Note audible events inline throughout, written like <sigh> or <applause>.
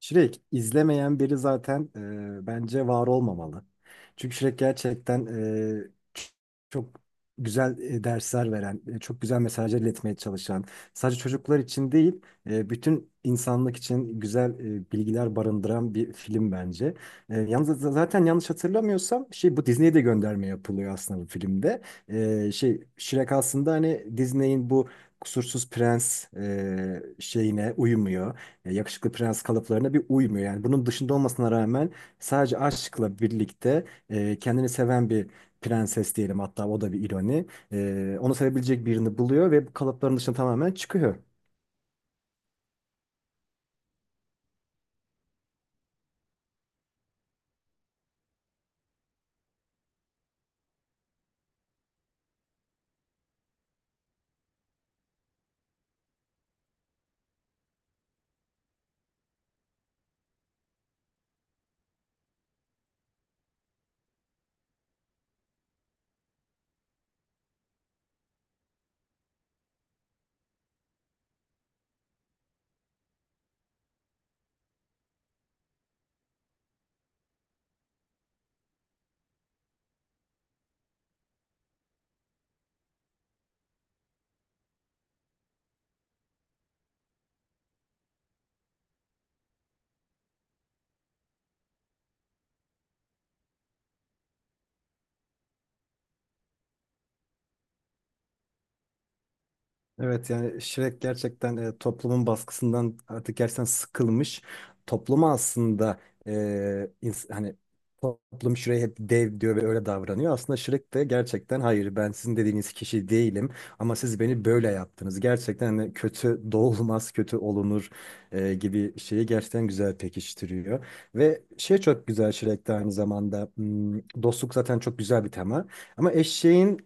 Shrek izlemeyen biri zaten bence var olmamalı. Çünkü Shrek gerçekten ç- çok güzel dersler veren, çok güzel mesajlar iletmeye çalışan, sadece çocuklar için değil, bütün insanlık için güzel bilgiler barındıran bir film bence. Yalnız zaten yanlış hatırlamıyorsam şey bu Disney'e de gönderme yapılıyor aslında bu filmde. Şey Shrek aslında hani Disney'in bu Kusursuz Prens şeyine uymuyor, yakışıklı prens kalıplarına bir uymuyor. Yani bunun dışında olmasına rağmen sadece aşkla birlikte kendini seven bir prenses diyelim, hatta o da bir ironi. Onu sevebilecek birini buluyor ve bu kalıpların dışına tamamen çıkıyor. Evet, yani Shrek gerçekten toplumun baskısından artık gerçekten sıkılmış. Topluma aslında e, hani toplum Shrek'e hep dev diyor ve öyle davranıyor. Aslında Shrek de gerçekten hayır ben sizin dediğiniz kişi değilim ama siz beni böyle yaptınız. Gerçekten hani kötü <laughs> doğulmaz kötü olunur gibi şeyi gerçekten güzel pekiştiriyor. Ve şey çok güzel Shrek'te aynı zamanda dostluk zaten çok güzel bir tema. Ama eşeğin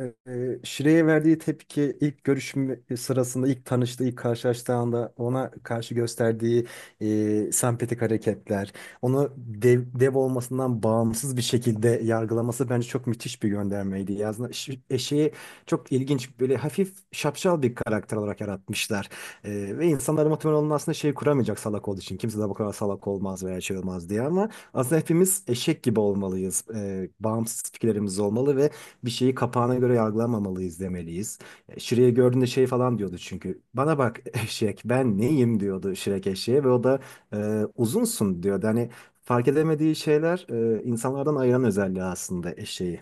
Şire'ye verdiği tepki ilk görüşüm sırasında, ilk tanıştığı, ilk karşılaştığı anda ona karşı gösterdiği sempatik hareketler, onu dev, dev olmasından bağımsız bir şekilde yargılaması bence çok müthiş bir göndermeydi. Yazına, eşeği çok ilginç, böyle hafif şapşal bir karakter olarak yaratmışlar. Ve insanlara muhtemelen onun aslında şey kuramayacak salak olduğu için. Kimse de bu kadar salak olmaz veya şey olmaz diye, ama aslında hepimiz eşek gibi olmalıyız. Bağımsız fikirlerimiz olmalı ve bir şeyi kapağına göre yargılamamalıyız demeliyiz. Shrek'i gördüğünde şey falan diyordu çünkü. Bana bak <laughs> eşek ben neyim diyordu Shrek eşeğe ve o da e, uzunsun diyordu. Hani fark edemediği şeyler insanlardan ayıran özelliği aslında eşeği.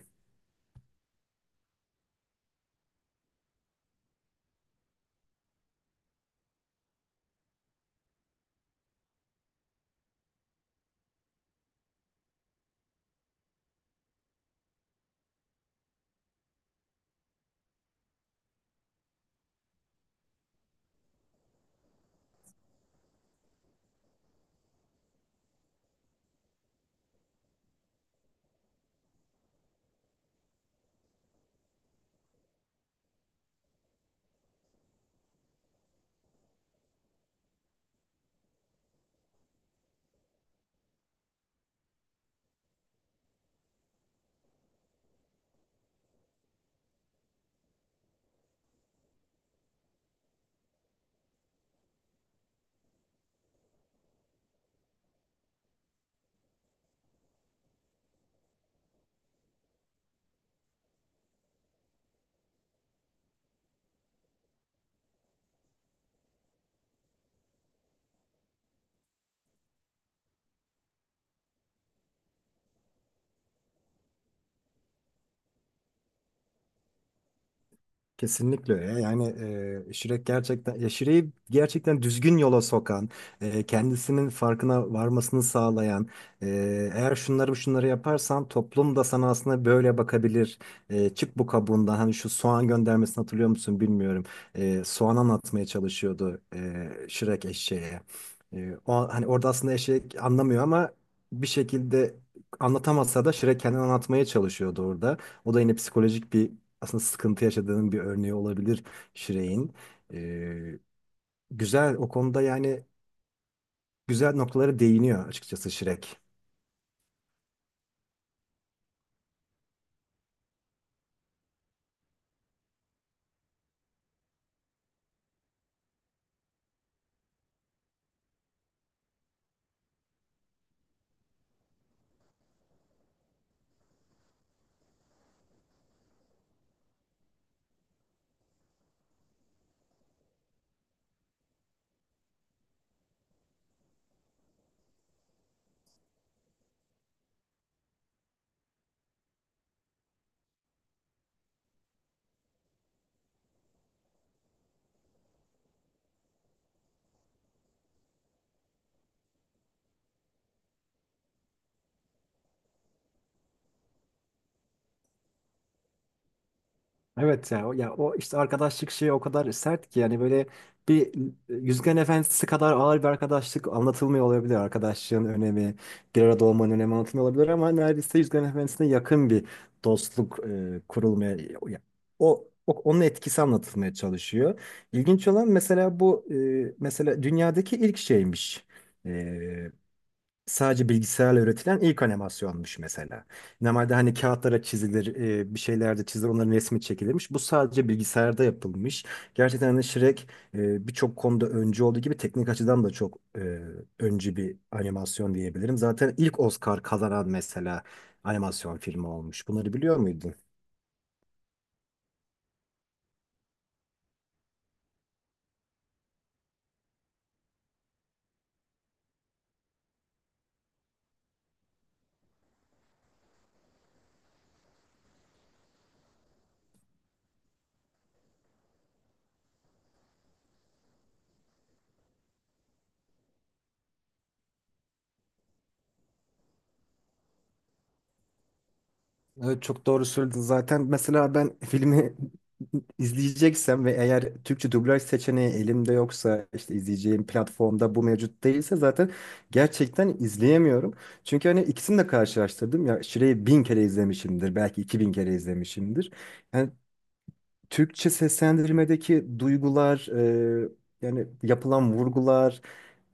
Kesinlikle öyle, ya. Yani Shrek gerçekten ya Shrek'i gerçekten düzgün yola sokan, kendisinin farkına varmasını sağlayan, e, eğer şunları şunları yaparsan toplum da sana aslında böyle bakabilir. Çık bu kabuğundan. Hani şu soğan göndermesini hatırlıyor musun bilmiyorum. Soğan anlatmaya çalışıyordu Shrek eşeğe. O, hani orada aslında eşek anlamıyor ama bir şekilde anlatamasa da Shrek kendini anlatmaya çalışıyordu orada. O da yine psikolojik bir aslında sıkıntı yaşadığının bir örneği olabilir Shrek'in. Ee, Güzel o konuda, yani güzel noktalara değiniyor açıkçası Shrek. Evet ya o, ya o işte arkadaşlık şeyi o kadar sert ki yani böyle bir Yüzgen Efendisi kadar ağır bir arkadaşlık anlatılmıyor olabilir. Arkadaşlığın önemi, bir arada olmanın önemi anlatılmıyor olabilir ama neredeyse Yüzgen Efendisi'ne yakın bir dostluk kurulmaya ya- o, onun etkisi anlatılmaya çalışıyor. İlginç olan mesela bu mesela dünyadaki ilk şeymiş. e, Sadece bilgisayarla üretilen ilk animasyonmuş mesela. Normalde hani kağıtlara çizilir, bir şeylerde çizilir, onların resmi çekilirmiş. Bu sadece bilgisayarda yapılmış. Gerçekten hani Shrek birçok konuda öncü olduğu gibi teknik açıdan da çok öncü bir animasyon diyebilirim. Zaten ilk Oscar kazanan mesela animasyon filmi olmuş. Bunları biliyor muydun? Evet, çok doğru söyledin zaten. Mesela ben filmi <laughs> izleyeceksem ve eğer Türkçe dublaj seçeneği elimde yoksa, işte izleyeceğim platformda bu mevcut değilse, zaten gerçekten izleyemiyorum. Çünkü hani ikisini de karşılaştırdım ya, Şire'yi 1000 kere izlemişimdir, belki 2000 kere izlemişimdir. Yani Türkçe seslendirmedeki duygular, e, yani yapılan vurgular,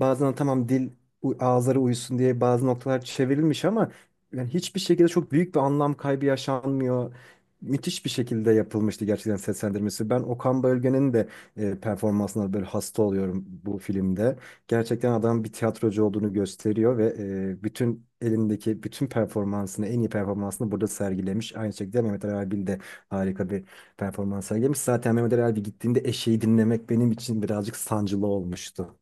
bazen tamam dil ağızlara uyusun diye bazı noktalar çevrilmiş ama yani hiçbir şekilde çok büyük bir anlam kaybı yaşanmıyor. Müthiş bir şekilde yapılmıştı gerçekten seslendirmesi. Ben Okan Bölge'nin de performansına böyle hasta oluyorum bu filmde. Gerçekten adam bir tiyatrocu olduğunu gösteriyor ve bütün elindeki bütün performansını, en iyi performansını burada sergilemiş. Aynı şekilde Mehmet Ali Erbil de harika bir performans sergilemiş. Zaten Mehmet Ali Erbil gittiğinde eşeği dinlemek benim için birazcık sancılı olmuştu.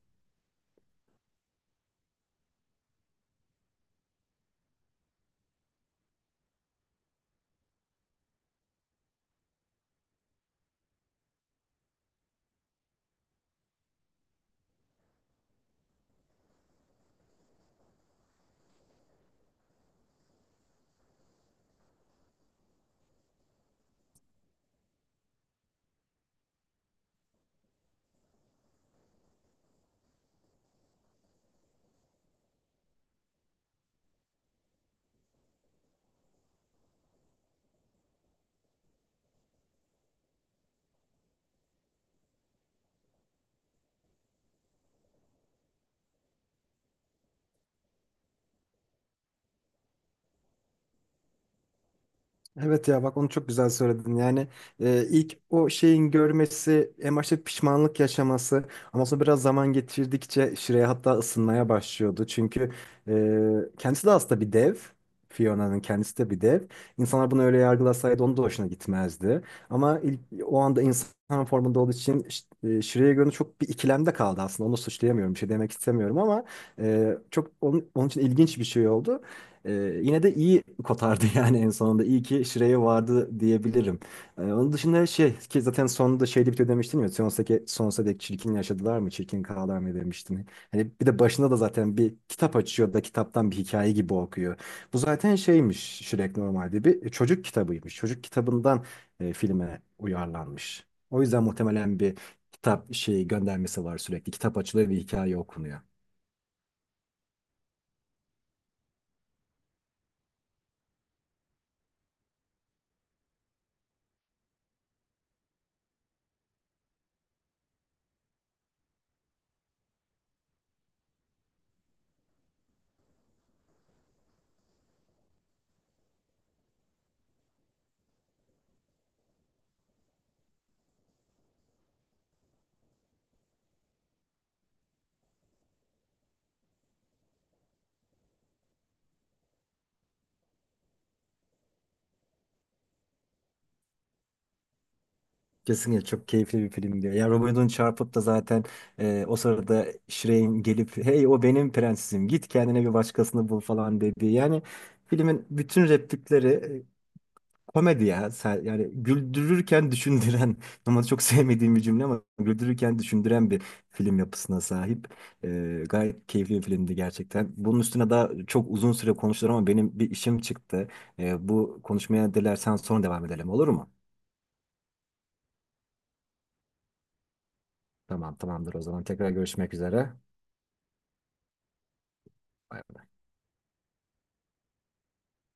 Evet ya, bak onu çok güzel söyledin. Yani ilk o şeyin görmesi, en başta pişmanlık yaşaması ama sonra biraz zaman geçirdikçe Shrey hatta ısınmaya başlıyordu. Çünkü kendisi de aslında bir dev. Fiona'nın kendisi de bir dev. İnsanlar bunu öyle yargılasaydı onun da hoşuna gitmezdi. Ama ilk, o anda insan formunda olduğu için Shrey'e göre çok bir ikilemde kaldı aslında. Onu suçlayamıyorum, bir şey demek istemiyorum ama çok onun, onun için ilginç bir şey oldu. Ee, Yine de iyi kotardı <laughs> yani en sonunda. İyi ki Şire'ye vardı diyebilirim. Onun dışında şey ki zaten sonunda şeyde bitiyor demiştin ya. Sonsuza dek, sonsuza dek çirkin yaşadılar mı? Çirkin kaldılar mı demiştin. Hani bir de başında da zaten bir kitap açıyor da kitaptan bir hikaye gibi okuyor. Bu zaten şeymiş, Shrek normalde bir çocuk kitabıymış. Çocuk kitabından filme uyarlanmış. O yüzden muhtemelen bir kitap şeyi göndermesi var sürekli. Kitap açılıyor ve hikaye okunuyor. Kesinlikle çok keyifli bir film diyor. Ya Robin Hood'un çarpıp da zaten o sırada Shrey'in gelip hey o benim prensesim git kendine bir başkasını bul falan dediği. Yani filmin bütün replikleri komedi ya. Yani güldürürken düşündüren <laughs> normalde çok sevmediğim bir cümle ama güldürürken düşündüren bir film yapısına sahip. Gayet keyifli bir filmdi gerçekten. Bunun üstüne daha çok uzun süre konuşulur ama benim bir işim çıktı. Bu konuşmaya dilersen sonra devam edelim, olur mu? Tamam, tamamdır o zaman. Tekrar görüşmek üzere. Bay bay.